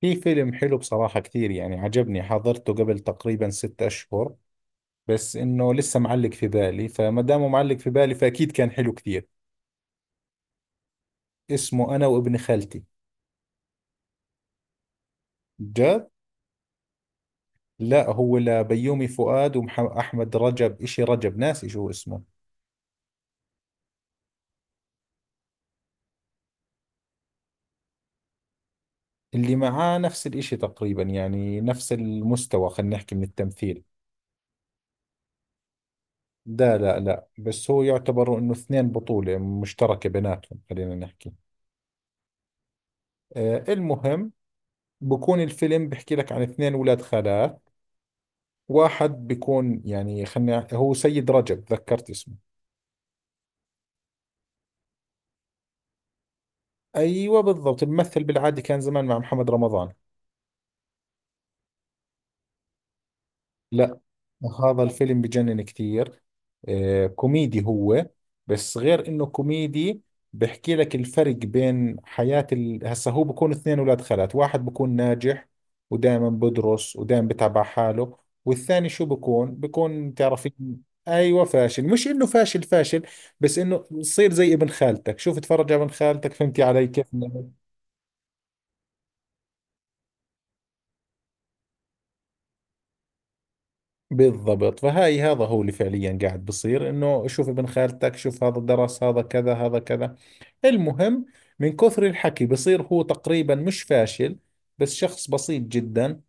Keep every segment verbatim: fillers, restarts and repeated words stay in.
في فيلم حلو بصراحة كثير، يعني عجبني، حضرته قبل تقريبا ست أشهر، بس إنه لسه معلق في بالي، فما دامه معلق في بالي فأكيد كان حلو كثير. اسمه أنا وابن خالتي. جد؟ لا، هو لبيومي فؤاد وأحمد رجب، إشي رجب ناسي شو اسمه. اللي معاه نفس الإشي تقريبا، يعني نفس المستوى خلينا نحكي من التمثيل. لا لا لا، بس هو يعتبر إنه اثنين بطولة مشتركة بيناتهم خلينا نحكي. آه المهم، بكون الفيلم بحكي لك عن اثنين ولاد خالات، واحد بيكون يعني خلني، هو سيد رجب ذكرت اسمه. ايوه بالضبط، بمثل بالعادي، كان زمان مع محمد رمضان. لا، هذا الفيلم بجنن كثير. آه، كوميدي هو، بس غير انه كوميدي بحكي لك الفرق بين حياة ال... هسا هو بكون اثنين اولاد خالات، واحد بكون ناجح ودائما بدرس ودائما بتعب على حاله، والثاني شو بكون بكون تعرفين. ايوه فاشل، مش انه فاشل فاشل، بس انه يصير زي ابن خالتك، شوف اتفرج على ابن خالتك، فهمتي علي كيف. بالضبط، فهاي هذا هو اللي فعليا قاعد بصير، انه شوف ابن خالتك شوف، هذا درس، هذا كذا هذا كذا. المهم، من كثر الحكي بصير هو تقريبا مش فاشل، بس شخص بسيط جدا،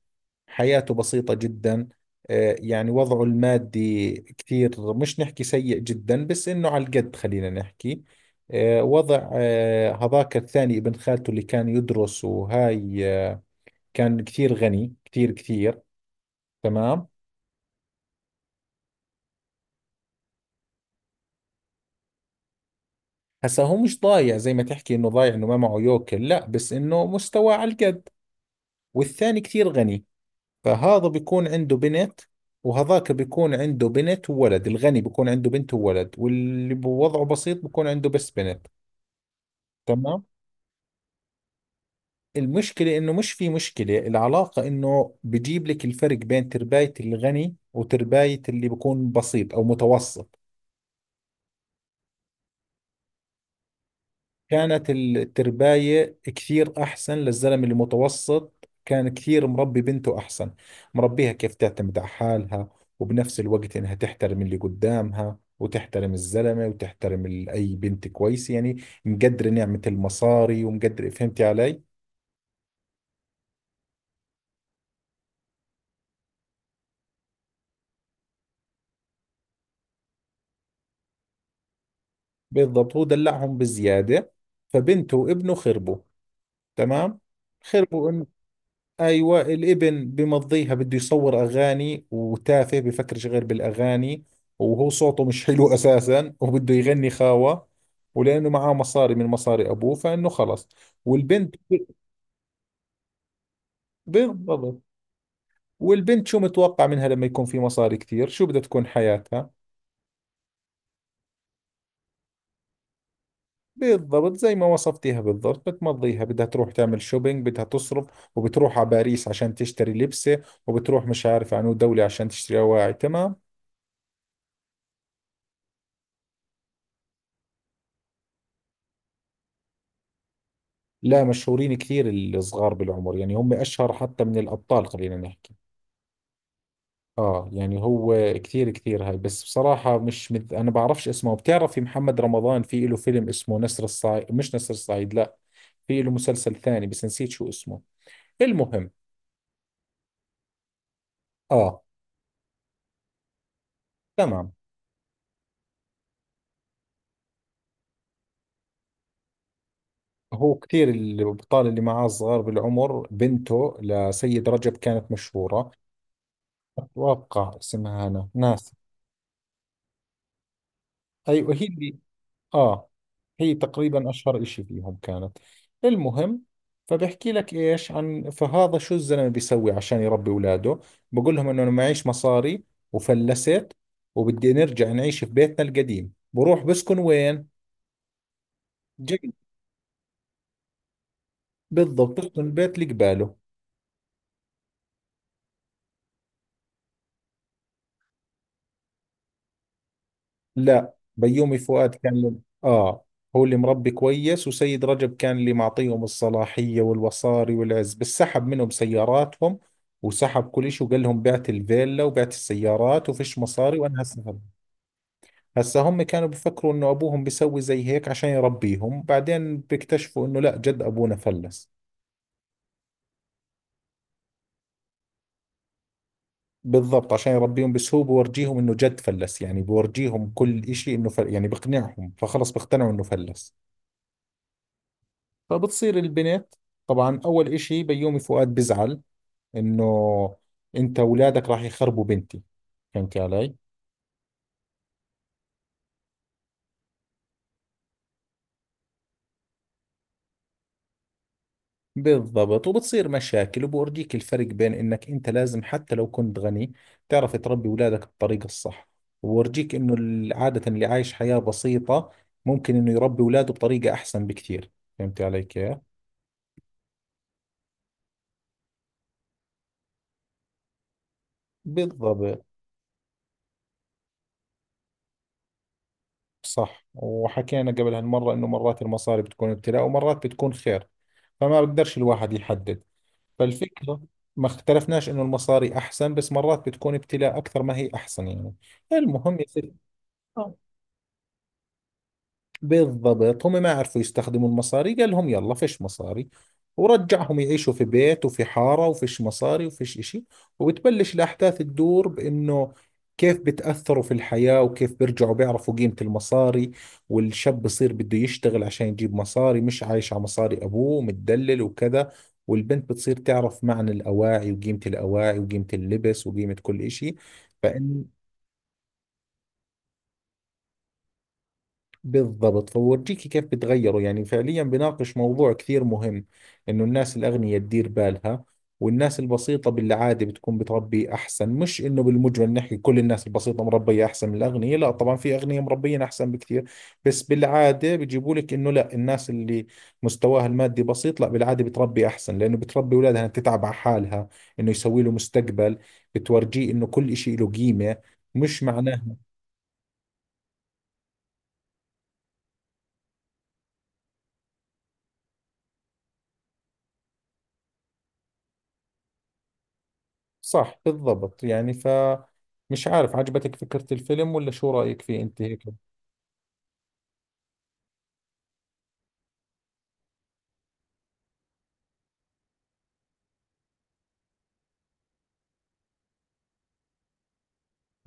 حياته بسيطة جدا. آه، يعني وضعه المادي كثير مش نحكي سيء جدا، بس انه على القد خلينا نحكي. آه، وضع آه، هذاك الثاني ابن خالته اللي كان يدرس وهاي، آه، كان كثير غني كثير كثير. تمام. هسا هو مش ضايع زي ما تحكي انه ضايع، انه ما معه يوكل لا، بس انه مستواه على القد، والثاني كثير غني. فهذا بيكون عنده بنت، وهذاك بيكون عنده بنت وولد الغني بيكون عنده بنت وولد، واللي بوضعه بسيط بيكون عنده بس بنت. تمام. المشكلة انه مش في مشكلة، العلاقة انه بجيب لك الفرق بين ترباية الغني وترباية اللي بيكون بسيط او متوسط. كانت الترباية كثير أحسن للزلمة اللي متوسط، كان كثير مربي بنته أحسن، مربيها كيف تعتمد على حالها، وبنفس الوقت إنها تحترم اللي قدامها وتحترم الزلمة وتحترم ال- أي بنت كويسة، يعني مقدرة نعمة المصاري ومقدرة، فهمتي علي. بالضبط، هو دلعهم بزيادة، فبنته وابنه خربوا. تمام. خربوا، إن ايوه الابن بمضيها، بده يصور اغاني وتافه بفكرش غير بالاغاني، وهو صوته مش حلو اساسا وبده يغني خاوه، ولانه معاه مصاري من مصاري ابوه فانه خلص. والبنت، بالضبط، والبنت شو متوقع منها لما يكون في مصاري كثير، شو بدها تكون حياتها؟ بالضبط زي ما وصفتيها بالضبط، بتمضيها بدها تروح تعمل شوبينج، بدها تصرف وبتروح على باريس عشان تشتري لبسة، وبتروح مش عارف عنو دولة عشان تشتري أواعي. تمام. لا مشهورين كثير، الصغار بالعمر يعني هم أشهر حتى من الأبطال خلينا نحكي. آه يعني هو كثير كثير هاي، بس بصراحة مش مد... أنا بعرفش اسمه. بتعرفي محمد رمضان في له فيلم اسمه نسر الصعيد، مش نسر الصعيد لا، في له مسلسل ثاني بس نسيت شو اسمه. المهم. آه تمام، هو كثير الأبطال اللي معاه صغار بالعمر، بنته لسيد رجب كانت مشهورة، أتوقع اسمها أنا ناس. أيوة هي اللي، آه هي تقريبا أشهر إشي فيهم كانت. المهم. فبحكي لك إيش عن، فهذا شو الزلمة بيسوي عشان يربي أولاده، بقول لهم إنه أنا معيش مصاري وفلست، وبدي نرجع نعيش في بيتنا القديم، بروح بسكن وين؟ جنب، بالضبط بسكن البيت اللي قباله. لا بيومي فؤاد كان ل- اه هو اللي مربي كويس، وسيد رجب كان اللي معطيهم الصلاحية والوصاري والعز، بس سحب منهم سياراتهم وسحب كل شيء، وقال لهم بعت الفيلا وبعت السيارات وفيش مصاري، وانا هسه هب- هسه هم كانوا بيفكروا انه ابوهم بيسوي زي هيك عشان يربيهم، بعدين بيكتشفوا انه لا جد ابونا فلس. بالضبط عشان يربيهم، بس هو بورجيهم انه جد فلس، يعني بورجيهم كل اشي انه فل... يعني بقنعهم، فخلص بيقتنعوا انه فلس. فبتصير البنت، طبعا اول اشي بيومي فؤاد بزعل، انه انت اولادك راح يخربوا بنتي، فهمتي علي. بالضبط، وبتصير مشاكل، وبورجيك الفرق بين انك انت لازم حتى لو كنت غني تعرف تربي اولادك بالطريقة الصح، وورجيك انه ال- عادة اللي عايش حياة بسيطة ممكن انه يربي اولاده بطريقة احسن بكثير، فهمتي علي كيف. بالضبط صح، وحكينا قبل هالمرة انه مرات المصاري بتكون ابتلاء ومرات بتكون خير، فما بقدرش الواحد يحدد. فالفكرة، ما اختلفناش انه المصاري احسن، بس مرات بتكون ابتلاء اكثر ما هي احسن يعني. المهم يا ستي. بالضبط، هم ما عرفوا يستخدموا المصاري، قال لهم يلا فيش مصاري، ورجعهم يعيشوا في بيت وفي حارة وفيش مصاري وفيش إشي، وبتبلش الأحداث تدور بإنه كيف بتأثروا في الحياة، وكيف بيرجعوا بيعرفوا قيمة المصاري، والشاب بصير بده يشتغل عشان يجيب مصاري، مش عايش على مصاري أبوه متدلل وكذا، والبنت بتصير تعرف معنى الأواعي وقيمة الأواعي وقيمة اللبس وقيمة كل إشي. بالضبط، فورجيكي كيف بتغيروا، يعني فعليا بناقش موضوع كثير مهم، انه الناس الاغنياء تدير بالها، والناس البسيطة بالعادة بتكون بتربي احسن، مش انه بالمجمل نحكي كل الناس البسيطة مربية احسن من الاغنياء، لا طبعا في اغنياء مربيين احسن بكثير، بس بالعادة بيجيبوا لك انه لا، الناس اللي مستواها المادي بسيط لا بالعادة بتربي احسن، لانه بتربي اولادها انها تتعب على حالها، انه يسوي له مستقبل، بتورجيه انه كل شيء له قيمة، مش معناه. صح بالضبط يعني ف، مش عارف عجبتك فكرة الفيلم ولا شو رأيك فيه انت هيك؟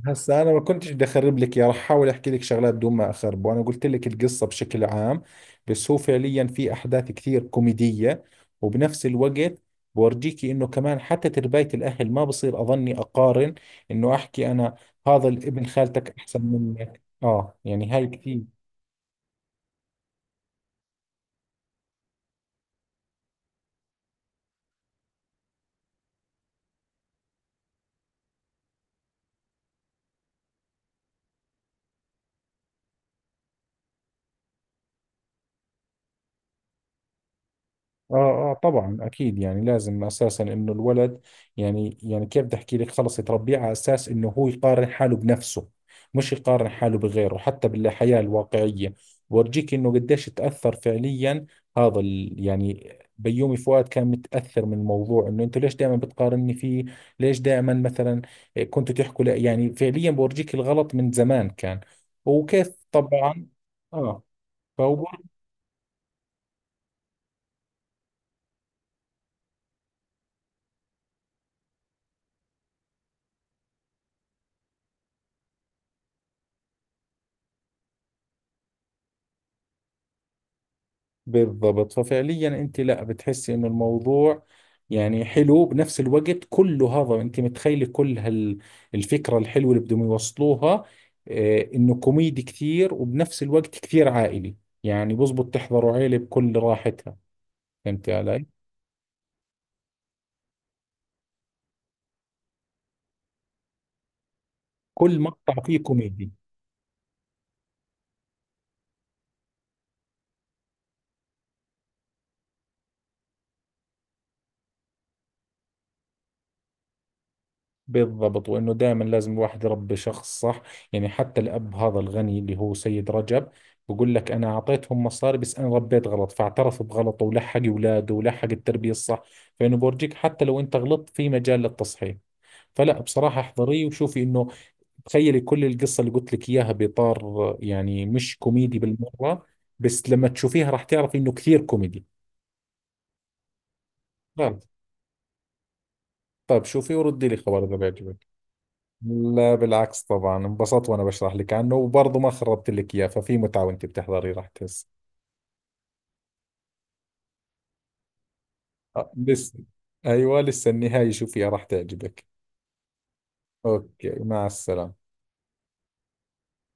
هسا انا ما كنتش بدي اخرب لك اياه، رح احاول احكي لك شغلات بدون ما اخرب، وانا قلت لك القصة بشكل عام، بس هو فعليا في احداث كثير كوميدية، وبنفس الوقت بورجيكي انه كمان حتى تربية الاهل ما بصير، اظني اقارن انه احكي انا هذا الابن خالتك احسن منك، اه يعني هاي كثير. اه اه طبعا اكيد، يعني لازم اساسا انه الولد، يعني يعني كيف بدي احكي لك، خلص يتربيه على اساس انه هو يقارن حاله بنفسه، مش يقارن حاله بغيره، حتى بالحياة الواقعية بورجيك انه قديش تأثر فعليا، هذا ال، يعني بيومي فؤاد كان متأثر من الموضوع، انه انتوا ليش دائما بتقارني فيه؟ ليش دائما مثلا كنتوا تحكوا، لا يعني فعليا بورجيك الغلط من زمان كان، وكيف طبعا. اه بالضبط، ففعليا انت لا بتحسي انه الموضوع يعني حلو، بنفس الوقت كله هذا انت متخيله، كل هالفكره الحلوه اللي بدهم يوصلوها، آه، انه كوميدي كثير وبنفس الوقت كثير عائلي، يعني بزبط تحضروا عيله بكل راحتها، فهمتي علي. كل مقطع فيه كوميدي. بالضبط، وانه دائما لازم الواحد يربي شخص صح، يعني حتى الاب هذا الغني اللي هو سيد رجب، بقول لك انا اعطيتهم مصاري بس انا ربيت غلط، فاعترف بغلطه ولحق اولاده ولحق التربيه الصح، فانه بورجيك حتى لو انت غلطت في مجال للتصحيح، فلا بصراحه احضريه وشوفي انه، تخيلي كل القصه اللي قلت لك اياها باطار يعني مش كوميدي بالمره، بس لما تشوفيها راح تعرفي انه كثير كوميدي. غلط. طيب شوفي وردي لي خبر اذا بيعجبك. لا بالعكس، طبعا انبسطت وانا بشرح لك عنه وبرضه ما خربت لك اياه، ففي متعة وانت بتحضري راح تحس. آه، لسه، ايوه لسه النهاية شوفيها راح تعجبك. اوكي، مع السلامة.